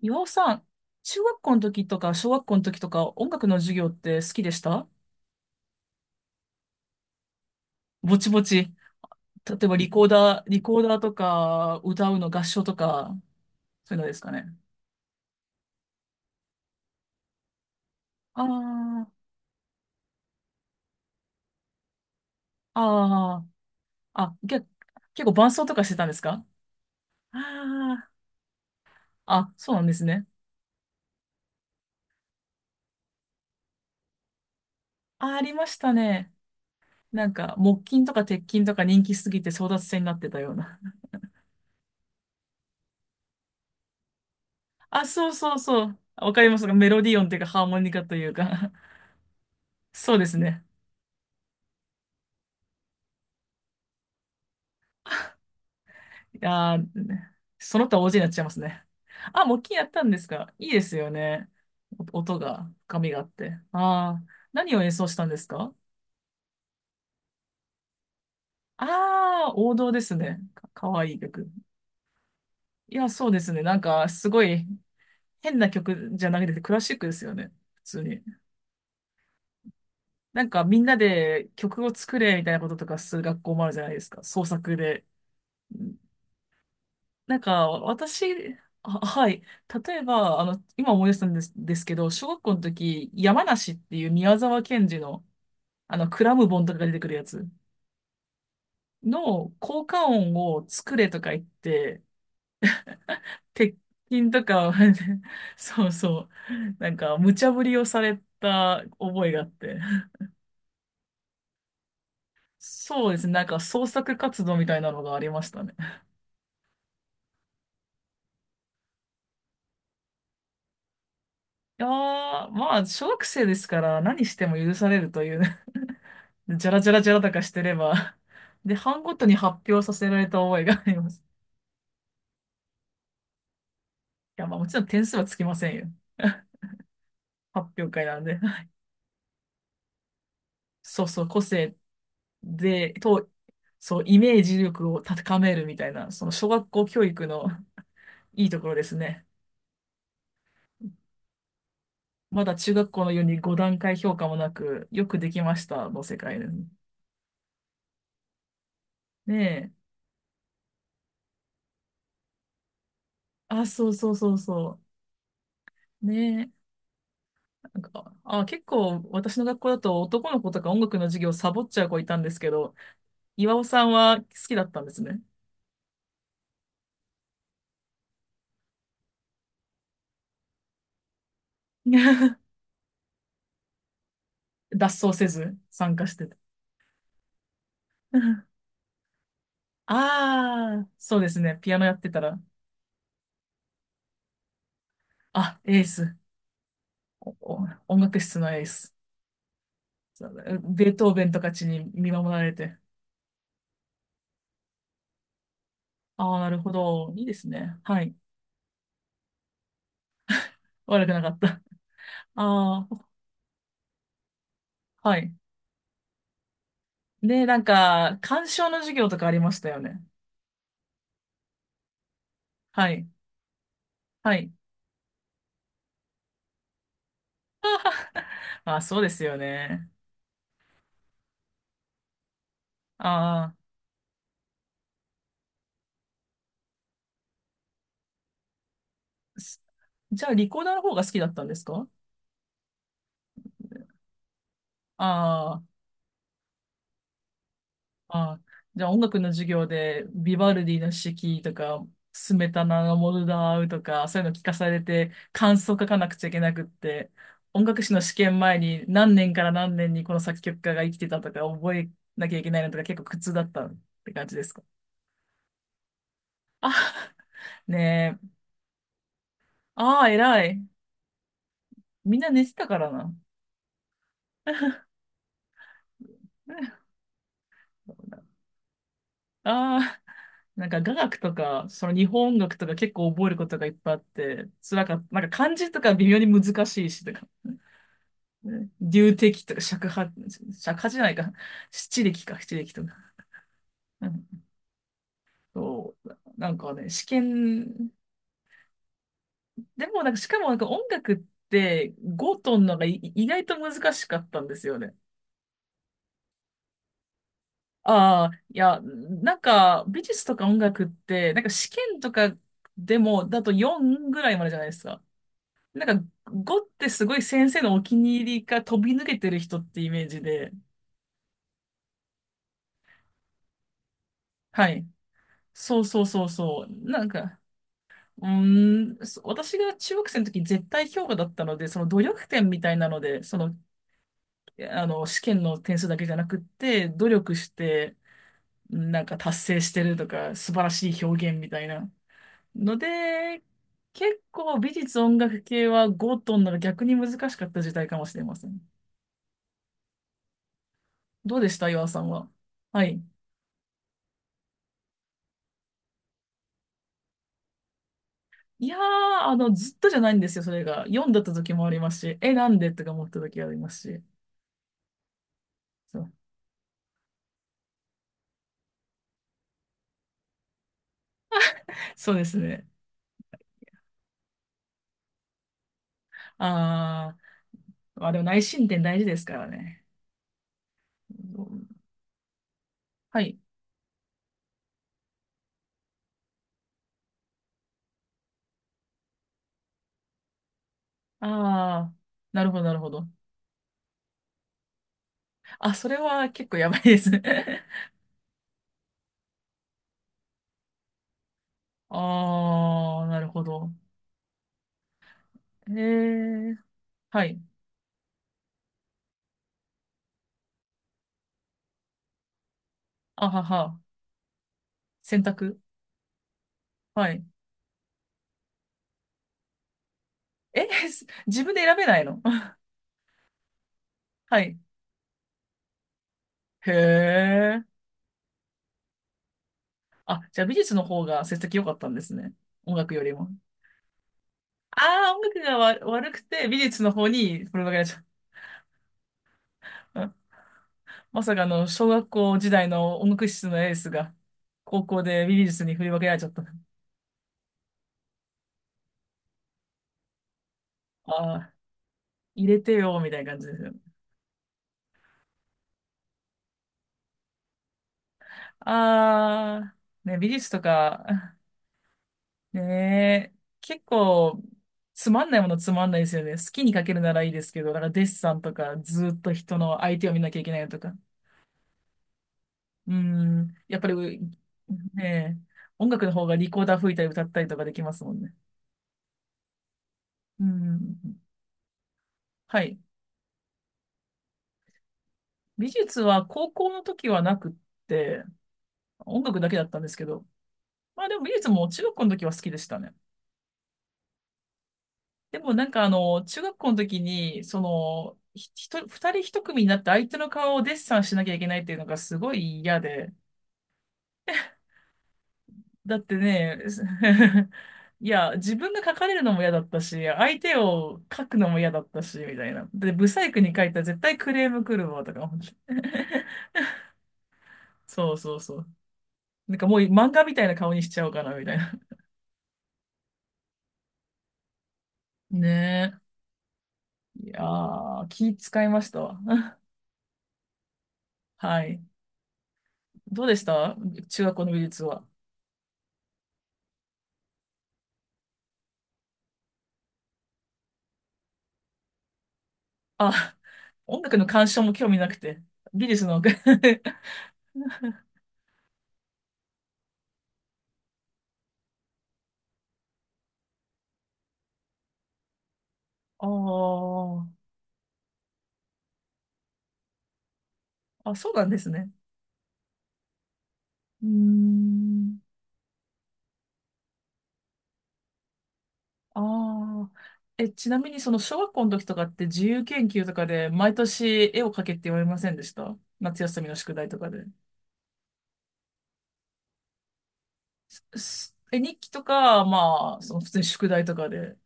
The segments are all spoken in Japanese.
岩尾さん、中学校の時とか小学校の時とか音楽の授業って好きでした？ぼちぼち。例えばリコーダーとか歌うの合唱とか、そういうのですかね。あー、あー、あ、結構伴奏とかしてたんですか？ああー、あ、そうなんですね。あ、ありましたね。なんか木琴とか鉄琴とか人気すぎて争奪戦になってたような。あ、そうそうそう。わかりますか？メロディオンというかハーモニカというか。そうですね。あー、その他大勢になっちゃいますね。あ、木琴やったんですか？いいですよね。音が、深みがあって。ああ、何を演奏したんですか？ああー、王道ですね。かわいい曲。いや、そうですね。なんか、すごい変な曲じゃなくてクラシックですよね。普通に。なんか、みんなで曲を作れみたいなこととかする学校もあるじゃないですか。創作で。なんか、私、はい。例えば、今思い出したんですけど、小学校の時、山梨っていう宮沢賢治の、クラムボンとかが出てくるやつの効果音を作れとか言って、鉄筋とか、そうそう、なんか、無茶ぶりをされた覚えがあって。そうですね。なんか、創作活動みたいなのがありましたね。いやー、まあ、小学生ですから何しても許されるというね。 じゃらじゃらじゃらとか してれば。で、班ごとに発表させられた覚えがあります。いや、まあ、もちろん点数はつきませんよ。発表会なんで。そうそう、個性で、そう、イメージ力を高めるみたいな、その小学校教育のいいところですね。まだ中学校のように5段階評価もなく、よくできましたの世界ですね。ねえ。あ、そうそうそうそう。ねえ。なんか、あ、結構私の学校だと男の子とか音楽の授業サボっちゃう子いたんですけど、岩尾さんは好きだったんですね。脱走せず参加してた。ああ、そうですね。ピアノやってたら、あ、エース。おお音楽室のエース。そうだ、ベートーベンとかちに見守られて。ああ、なるほど。いいですね。はい。悪くなかった。ああ、はい。で、なんか、鑑賞の授業とかありましたよね。はい。はい。あ、そうですよね。ああ、じゃあリコーダーの方が好きだったんですか？ああ、ああ、じゃあ音楽の授業でビバルディの四季とか、スメタナのモルダーウとか、そういうの聞かされて感想書かなくちゃいけなくって、音楽史の試験前に何年から何年にこの作曲家が生きてたとか覚えなきゃいけないのとか結構苦痛だったって感じですか？あ、ねえ。ああ、偉い。みんな寝てたからな。ああ、なんか雅楽とか、その日本音楽とか結構覚えることがいっぱいあって、辛かった。なんか漢字とか微妙に難しいし、とか、ね流笛とか尺八、尺八じゃないか、七力か、七力とか。うん、そう、なんかね、試験、でもなんか、しかもなんか音楽って5トンのがい意外と難しかったんですよね。ああ、いや、なんか美術とか音楽って、なんか試験とかでもだと4ぐらいまでじゃないですか。なんか、語ってすごい先生のお気に入りが飛び抜けてる人ってイメージで、はい。そうそうそうそう。なんか、うーん、私が中学生の時絶対評価だったので、その努力点みたいなので、その、試験の点数だけじゃなくって、努力して、なんか達成してるとか、素晴らしい表現みたいな。ので、結構美術音楽系は語とんなら逆に難しかった時代かもしれません。どうでした岩尾さんは？はい。いやー、ずっとじゃないんですよ、それが。読んだった時もありますし、なんでとか思った時ありますし。そう、そうですね。あー、まあでも内申点大事ですからね。うん、はい。あー、なるほど、なるほど。あ、それは結構やばいですね。あー、なるほど。えー、はい。あはは。選択。はい。え、自分で選べないの？ はい。へー。あ、じゃあ美術の方が成績良かったんですね。音楽よりも。ああ、音楽が悪くて、美術の方に振り分けられちゃった。うん、まさかの小学校時代の音楽室のエースが、高校で美術に振り分けられちゃった。ああ、入れてよ、みたいな感じですよ。ああ、ね、美術とか、ねえ、結構、つまんないものつまんないですよね。好きに描けるならいいですけど、だからデッサンとか、ずっと人の相手を見なきゃいけないのとか。うん、やっぱり、ねえ、音楽の方がリコーダー吹いたり歌ったりとかできますもんね。うん。はい。美術は高校の時はなくって、音楽だけだったんですけど、まあでも美術も中学校の時は好きでしたね。でもなんか中学校の時に、その、ひひと、二人一組になって相手の顔をデッサンしなきゃいけないっていうのがすごい嫌で。だってね、いや、自分が描かれるのも嫌だったし、相手を描くのも嫌だったし、みたいな。で、ブサイクに描いたら絶対クレーム来るわ、とか思って。そうそうそう。なんかもう漫画みたいな顔にしちゃおうかな、みたいな。ねえ。いやー、気使いましたわ。はい。どうでした中学校の美術は？あ、音楽の鑑賞も興味なくて。美術の。あー、あ、そうなんですね。うーん。ああ。え、ちなみにその小学校の時とかって自由研究とかで毎年絵を描けって言われませんでした？夏休みの宿題とかで。え、日記とか、まあ、その普通に宿題とかで。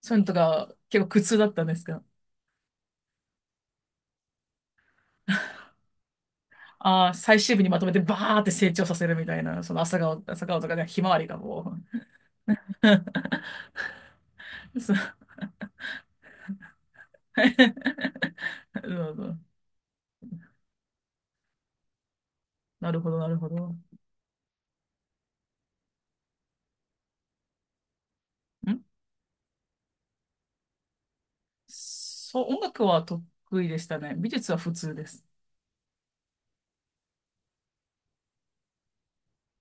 そういうのとか結構苦痛だったんですが、ああ、最終日にまとめてバーって成長させるみたいな、その朝顔とかね、ひまわりがもう そう そうそうなるほど、なるほど。んそう、音楽は得意でしたね。美術は普通です。